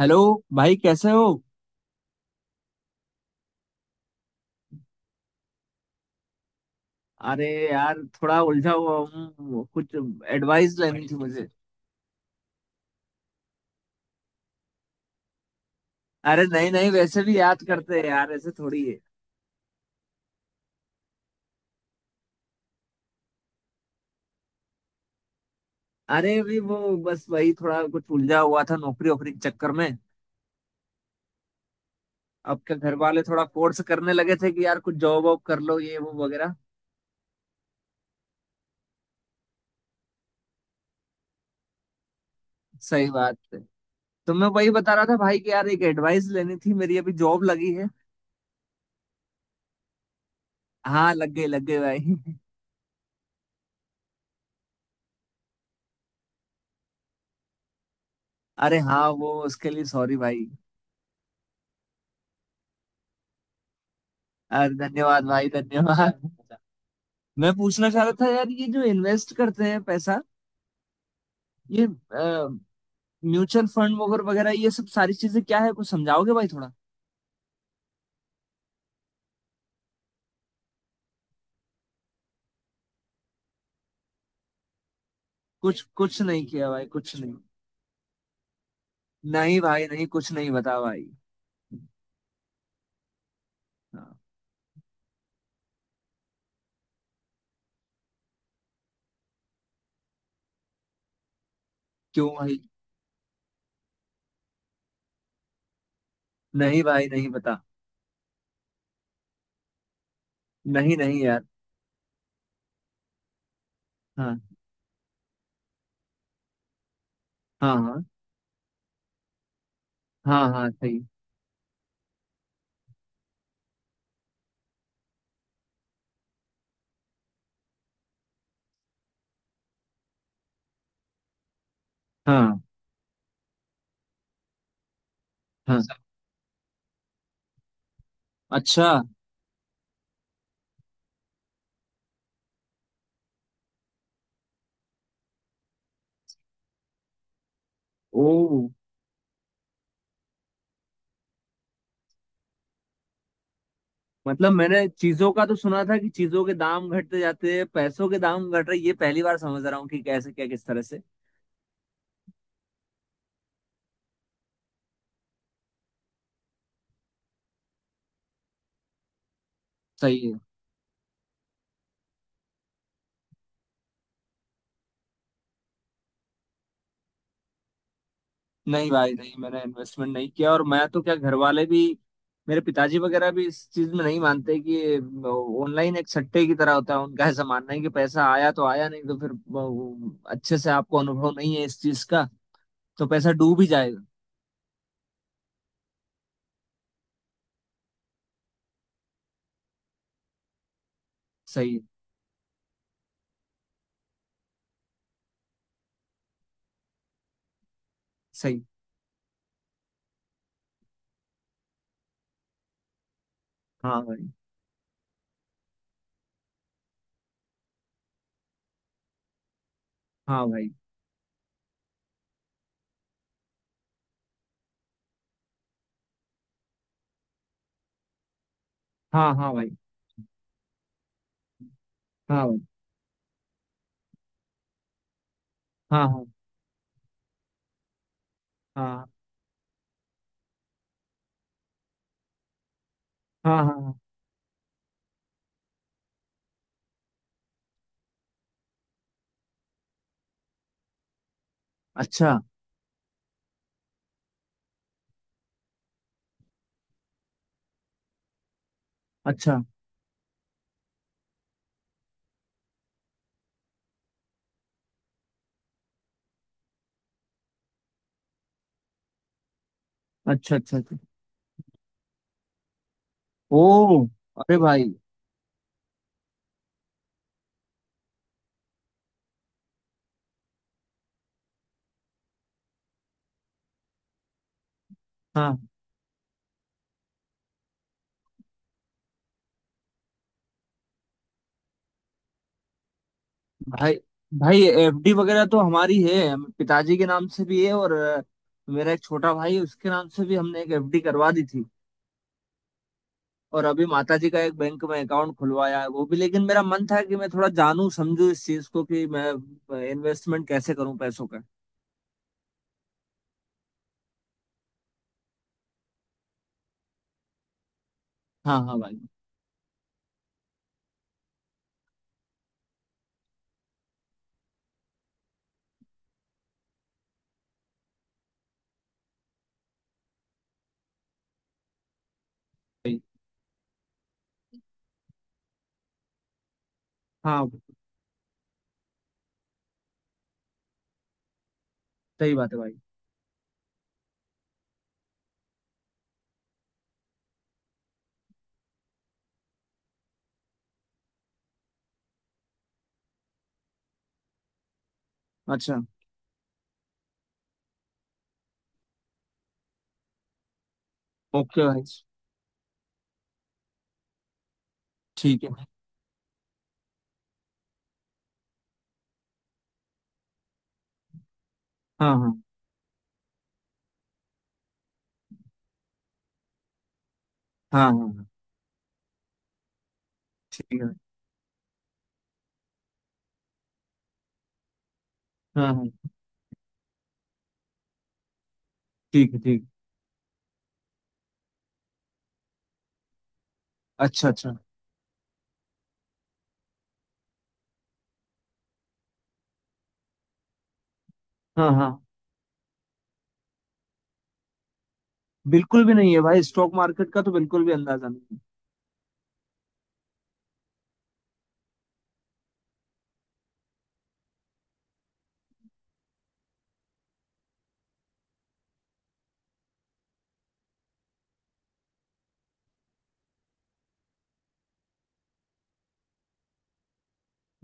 Hello भाई, कैसे हो? अरे यार, थोड़ा उलझा हुआ हूँ। कुछ एडवाइस लेनी थी मुझे। अरे नहीं नहीं, वैसे भी याद करते हैं यार, ऐसे थोड़ी है। अरे अभी वो बस वही थोड़ा कुछ उलझा हुआ था, नौकरी वोकरी के चक्कर में। अब क्या, घर वाले थोड़ा फोर्स करने लगे थे कि यार कुछ जॉब वॉब कर लो, ये वो वगैरह। सही बात है। तो मैं वही बता रहा था भाई कि यार, एक एडवाइस लेनी थी। मेरी अभी जॉब लगी है। हाँ लग गई, लग गई भाई। अरे हाँ, वो उसके लिए सॉरी भाई। अरे धन्यवाद भाई, धन्यवाद। मैं पूछना चाह रहा था यार, ये जो इन्वेस्ट करते हैं पैसा, ये म्यूचुअल फंड वगैरह वगैरह, ये सब सारी चीजें क्या है? कुछ समझाओगे भाई थोड़ा? कुछ कुछ नहीं किया भाई, कुछ नहीं। नहीं भाई, नहीं कुछ नहीं बता भाई। हाँ। क्यों भाई? नहीं भाई, नहीं बता। नहीं नहीं यार। हाँ, हाँ, हाँ, हाँ, हाँ। सही। हाँ हाँ। अच्छा। ओ। मतलब, मैंने चीजों का तो सुना था कि चीजों के दाम घटते जाते हैं, पैसों के दाम घट रहे ये पहली बार समझ रहा हूँ कि कैसे क्या किस तरह से। सही है। नहीं भाई नहीं, मैंने इन्वेस्टमेंट नहीं किया, और मैं तो क्या घर वाले भी, मेरे पिताजी वगैरह भी इस चीज में नहीं मानते कि ऑनलाइन एक सट्टे की तरह होता है। उनका ऐसा मानना है कि पैसा आया तो आया, नहीं तो फिर अच्छे से आपको अनुभव नहीं है इस चीज का, तो पैसा डूब ही जाएगा। सही है। सही। हाँ भाई। हाँ भाई। हाँ हाँ भाई। हाँ भाई। हाँ हाँ, हाँ हाँ, हाँ हाँ। अच्छा अच्छा अच्छा अच्छा। अच्छा। ओ। अरे भाई। हाँ भाई। भाई एफडी वगैरह तो हमारी है, पिताजी के नाम से भी है। और मेरा एक छोटा भाई है, उसके नाम से भी हमने एक एफडी करवा दी थी। और अभी माताजी का एक बैंक में अकाउंट खुलवाया है वो भी। लेकिन मेरा मन था कि मैं थोड़ा जानूं समझूं इस चीज को, कि मैं इन्वेस्टमेंट कैसे करूं पैसों का। हाँ हाँ भाई। भाई, हाँ सही बात है भाई। अच्छा। ओके भाई। ठीक है भाई। हाँ हाँ हाँ, हाँ हाँ, ठीक है भाई, हाँ हाँ, ठीक है। ठीक है। अच्छा अच्छा। हाँ हाँ। बिल्कुल भी नहीं है भाई, स्टॉक मार्केट का तो बिल्कुल भी अंदाजा नहीं है।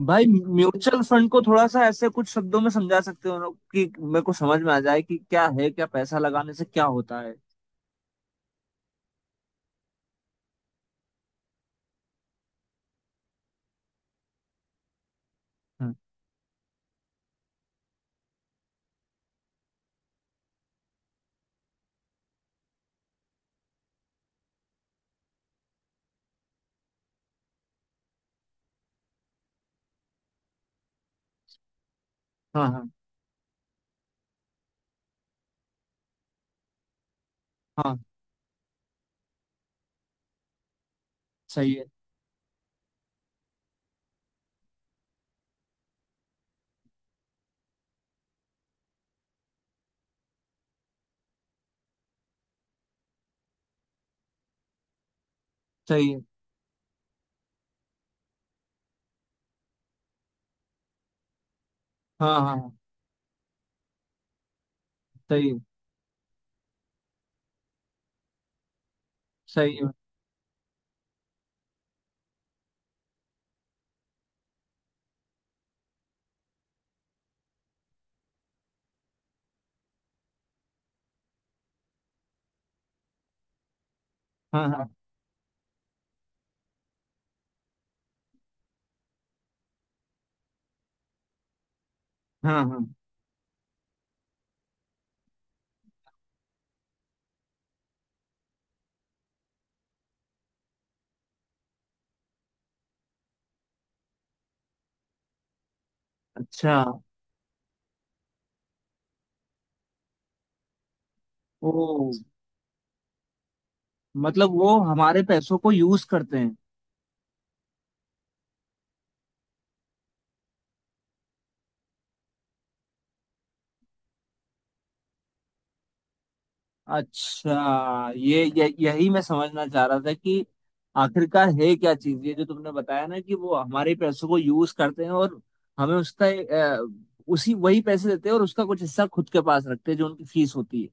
भाई म्यूचुअल फंड को थोड़ा सा ऐसे कुछ शब्दों में समझा सकते हो लोग, कि मेरे को समझ में आ जाए कि क्या है, क्या पैसा लगाने से क्या होता है? हाँ हाँ, हाँ हाँ, सही है। सही है। हाँ हाँ हाँ, सही है। सही है। हाँ हाँ, हाँ हाँ। अच्छा। ओ। मतलब वो हमारे पैसों को यूज करते हैं। अच्छा, ये यही मैं समझना चाह रहा था कि आखिरकार है क्या चीज ये, जो तुमने बताया ना कि वो हमारे पैसों को यूज करते हैं, और हमें उसका उसी वही पैसे देते हैं, और उसका कुछ हिस्सा खुद के पास रखते हैं जो उनकी फीस होती है।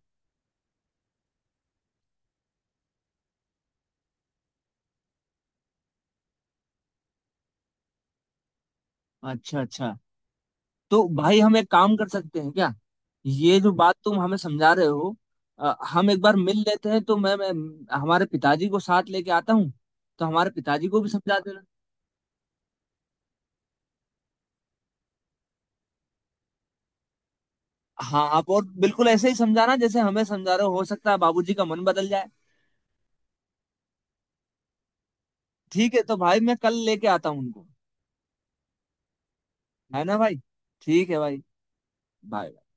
अच्छा अच्छा। तो भाई हम एक काम कर सकते हैं क्या? ये जो बात तुम हमें समझा रहे हो, हम एक बार मिल लेते हैं, तो मैं हमारे पिताजी को साथ लेके आता हूँ, तो हमारे पिताजी को भी समझा देना। हाँ आप और बिल्कुल ऐसे ही समझाना जैसे हमें समझा रहे हो सकता है बाबूजी का मन बदल जाए। ठीक है, तो भाई मैं कल लेके आता हूँ उनको, है ना भाई? ठीक है भाई। बाय।